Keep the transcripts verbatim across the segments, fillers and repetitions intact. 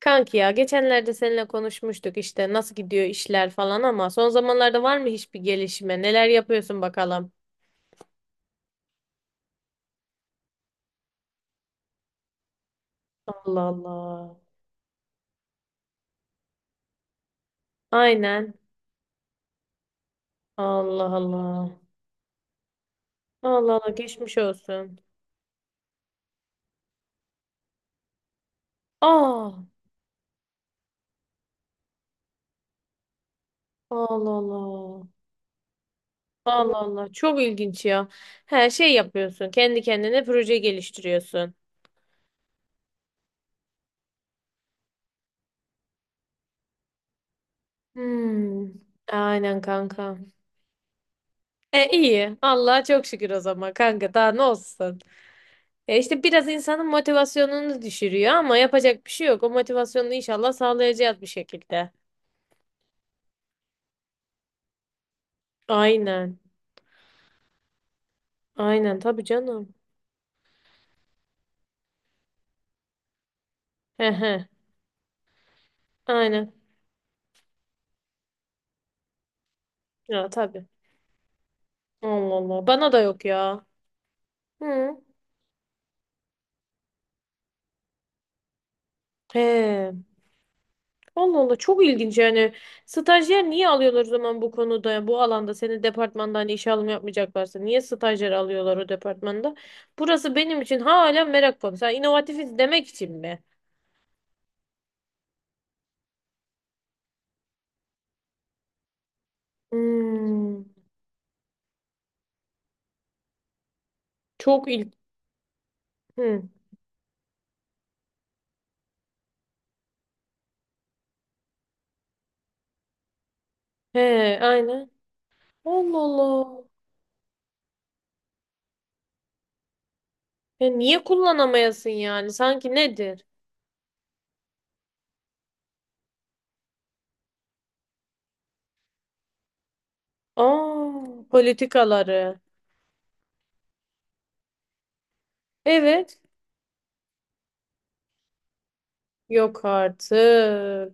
Kanki ya geçenlerde seninle konuşmuştuk işte nasıl gidiyor işler falan ama son zamanlarda var mı hiçbir gelişme? Neler yapıyorsun bakalım? Allah Allah. Aynen. Allah Allah. Allah Allah geçmiş olsun. Aa, Allah Allah. Allah Allah. Çok ilginç ya. Her şey yapıyorsun. Kendi kendine proje geliştiriyorsun. Hmm. Aynen kanka. E iyi. Allah'a çok şükür o zaman kanka. Daha ne olsun? Ya işte biraz insanın motivasyonunu düşürüyor ama yapacak bir şey yok. O motivasyonunu inşallah sağlayacağız bir şekilde. Aynen. Aynen tabii canım. He he. Aynen. Ya tabii. Allah Allah. Bana da yok ya. Hı. He. Allah Allah çok ilginç yani. Stajyer niye alıyorlar o zaman bu konuda, bu alanda seni departmandan işe alım yapmayacaklarsa niye stajyer alıyorlar o departmanda? Burası benim için hala merak konusu. Ha, inovatifiz demek için mi? Hmm. Çok ilginç. He, aynen. Allah Allah. E niye kullanamayasın yani? Sanki nedir? Aa, politikaları. Evet. Yok artık.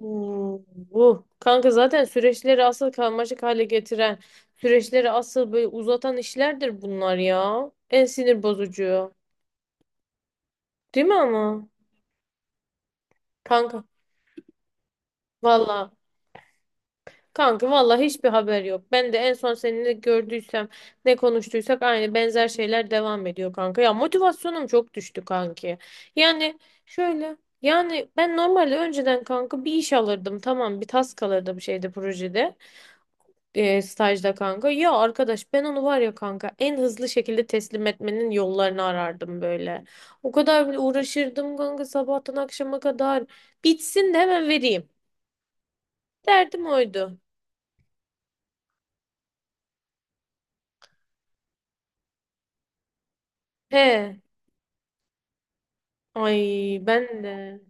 Uh, uh. Kanka zaten süreçleri asıl karmaşık hale getiren, süreçleri asıl böyle uzatan işlerdir bunlar ya. En sinir bozucu. Değil mi ama? Kanka. Valla. Kanka vallahi hiçbir haber yok. Ben de en son seninle gördüysem ne konuştuysak aynı benzer şeyler devam ediyor kanka. Ya motivasyonum çok düştü kanki. Yani şöyle yani ben normalde önceden kanka bir iş alırdım, tamam, bir task alırdım şeyde, projede, e, stajda kanka. Ya arkadaş, ben onu var ya kanka en hızlı şekilde teslim etmenin yollarını arardım böyle. O kadar bile uğraşırdım kanka sabahtan akşama kadar bitsin de hemen vereyim. Derdim oydu. He. Ay ben de.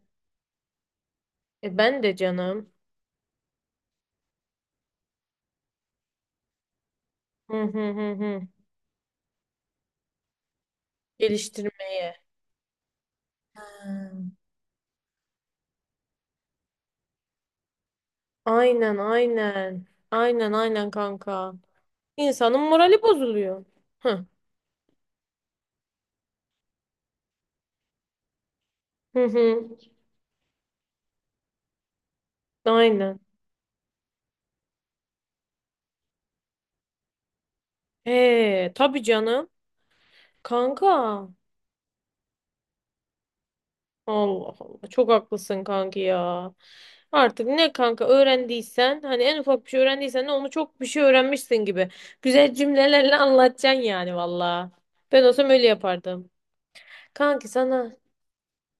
E ben de canım. Hı hı hı hı. Geliştirmeye. Hmm. Aynen aynen. Aynen aynen kanka. İnsanın morali bozuluyor. Hı hı hı. Aynen. Ee tabii canım. Kanka. Allah Allah. Çok haklısın kanki ya. Artık ne kanka öğrendiysen, hani en ufak bir şey öğrendiysen de onu çok bir şey öğrenmişsin gibi güzel cümlelerle anlatacaksın yani valla. Ben olsam öyle yapardım. Kanki sana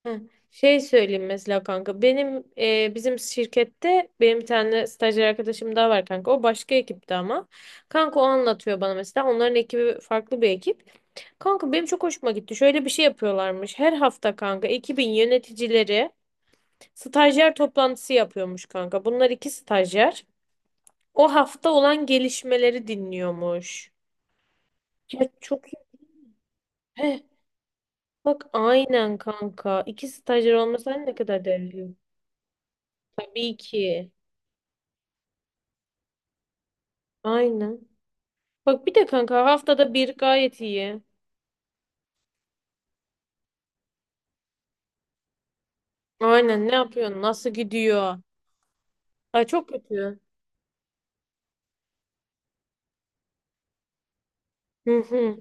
heh, şey söyleyeyim mesela kanka. Benim, e, bizim şirkette benim bir tane stajyer arkadaşım daha var kanka. O başka ekipte ama. Kanka o anlatıyor bana mesela. Onların ekibi farklı bir ekip. Kanka benim çok hoşuma gitti. Şöyle bir şey yapıyorlarmış. Her hafta kanka ekibin yöneticileri stajyer toplantısı yapıyormuş kanka. Bunlar iki stajyer. O hafta olan gelişmeleri dinliyormuş. Ya çok iyi. Heh, bak aynen kanka. İki stajyer olmasa ne kadar değerli. Tabii ki. Aynen. Bak bir de kanka haftada bir gayet iyi. Aynen, ne yapıyorsun? Nasıl gidiyor? Ay çok kötü. Hı hı.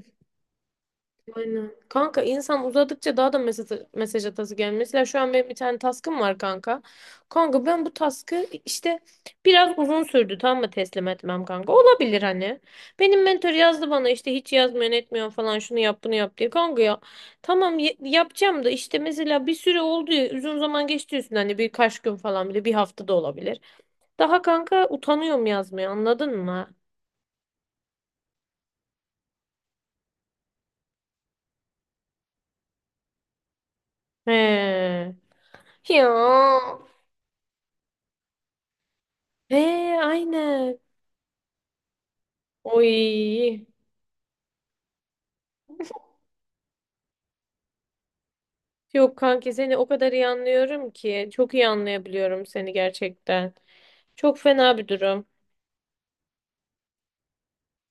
Aynen. Kanka insan uzadıkça daha da mesaj, mesaj atası gelmiyor. Mesela şu an benim bir tane task'ım var kanka. Kanka ben bu task'ı, işte biraz uzun sürdü, tamam mı, teslim etmem kanka. Olabilir hani. Benim mentor yazdı bana işte hiç yazmıyorsun etmiyorsun falan, şunu yap bunu yap diye. Kanka ya tamam y- yapacağım da işte mesela bir süre oldu ya, uzun zaman geçti üstünden, hani birkaç gün falan bile, bir hafta da olabilir. Daha kanka utanıyorum yazmaya, anladın mı? He. Ya. He aynen. Oy. Yok kanki, seni o kadar iyi anlıyorum ki. Çok iyi anlayabiliyorum seni gerçekten. Çok fena bir durum.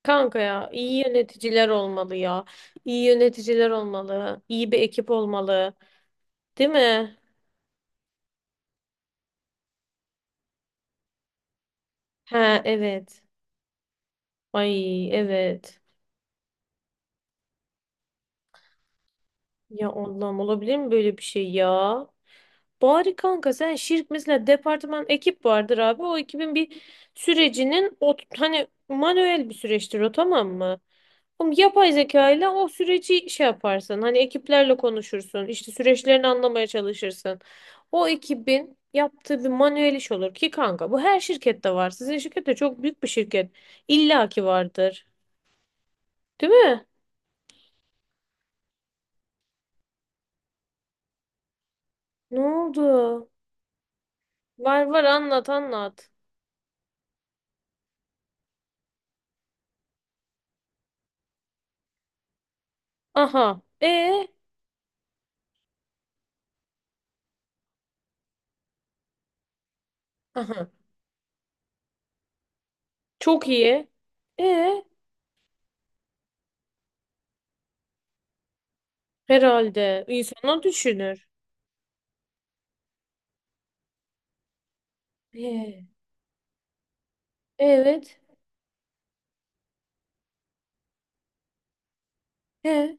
Kanka ya iyi yöneticiler olmalı ya. İyi yöneticiler olmalı. İyi bir ekip olmalı. Değil mi? He evet. Ay evet. Ya Allah'ım, olabilir mi böyle bir şey ya? Bari kanka sen şirk mesela departman, ekip vardır abi. O ekibin bir sürecinin, o hani manuel bir süreçtir o, tamam mı? Oğlum yapay zeka ile o süreci şey yaparsın. Hani ekiplerle konuşursun, işte süreçlerini anlamaya çalışırsın. O ekibin yaptığı bir manuel iş olur ki kanka bu her şirkette var. Sizin şirket de çok büyük bir şirket. İlla ki vardır. Değil mi? Ne oldu? Var var, anlat anlat. Aha. E. Aha. Çok iyi. E. Herhalde insanlar düşünür. He, evet. He,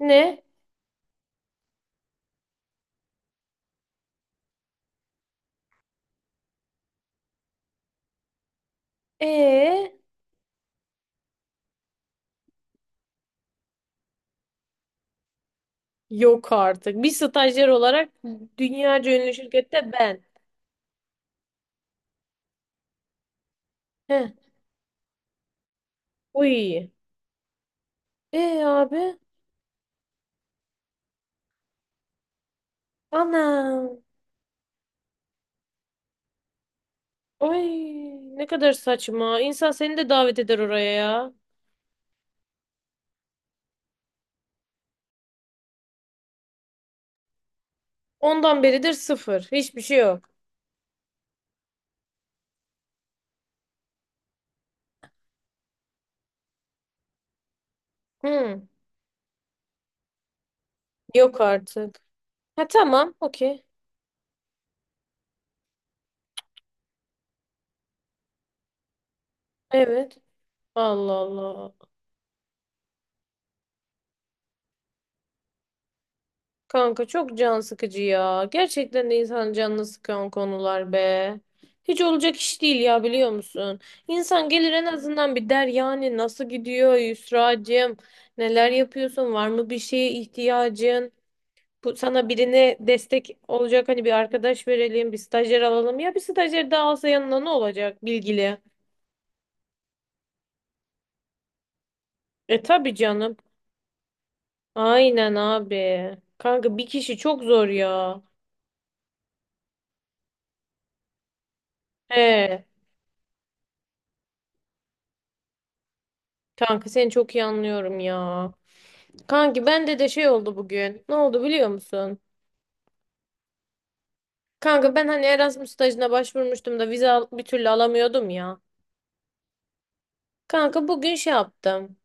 ne? Ee yok artık. Bir stajyer olarak dünyaca ünlü şirkette ben. He. Uy. Ee abi. Ana. Ay ne kadar saçma. İnsan seni de davet eder oraya ya. Ondan beridir sıfır. Hiçbir şey yok. Hmm. Yok artık. Ha tamam. Okey. Evet. Allah Allah. Kanka çok can sıkıcı ya. Gerçekten de insanın canını sıkan konular be. Hiç olacak iş değil ya, biliyor musun? İnsan gelir, en azından bir der yani, nasıl gidiyor Yusra'cığım? Neler yapıyorsun? Var mı bir şeye ihtiyacın? Bu sana birine destek olacak, hani bir arkadaş verelim, bir stajyer alalım. Ya bir stajyer daha alsa yanına ne olacak bilgili? E tabii canım. Aynen abi. Kanka bir kişi çok zor ya. He. Kanka seni çok iyi anlıyorum ya. Kanki bende de şey oldu bugün. Ne oldu biliyor musun? Kanka ben hani Erasmus stajına başvurmuştum da vize al- bir türlü alamıyordum ya. Kanka bugün şey yaptım.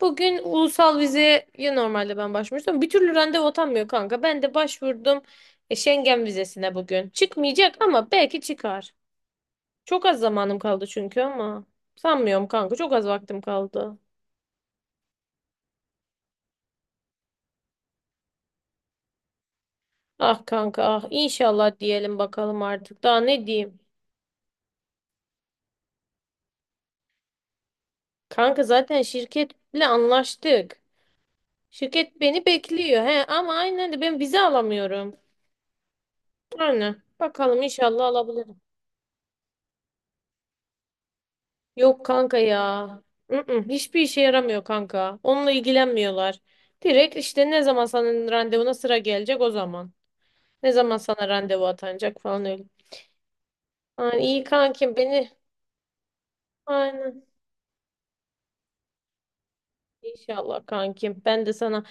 Bugün ulusal vizeye normalde ben başvurmuştum. Bir türlü randevu atanmıyor kanka. Ben de başvurdum e, Schengen vizesine bugün. Çıkmayacak ama belki çıkar. Çok az zamanım kaldı çünkü ama. Sanmıyorum kanka, çok az vaktim kaldı. Ah kanka ah, inşallah diyelim bakalım artık. Daha ne diyeyim? Kanka zaten şirketle anlaştık. Şirket beni bekliyor. He, ama aynen de ben vize alamıyorum. Aynen, bakalım inşallah alabilirim. Yok kanka ya. Mm-mm, hiçbir işe yaramıyor kanka. Onunla ilgilenmiyorlar. Direkt işte, ne zaman senin randevuna sıra gelecek, o zaman. Ne zaman sana randevu atanacak falan öyle. Yani iyi kankim beni. Aynen. İnşallah kankim. Ben de sana.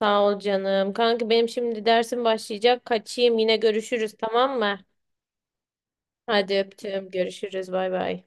Sağ ol canım. Kanki benim şimdi dersim başlayacak. Kaçayım, yine görüşürüz tamam mı? Hadi öptüm. Görüşürüz. Bay bay.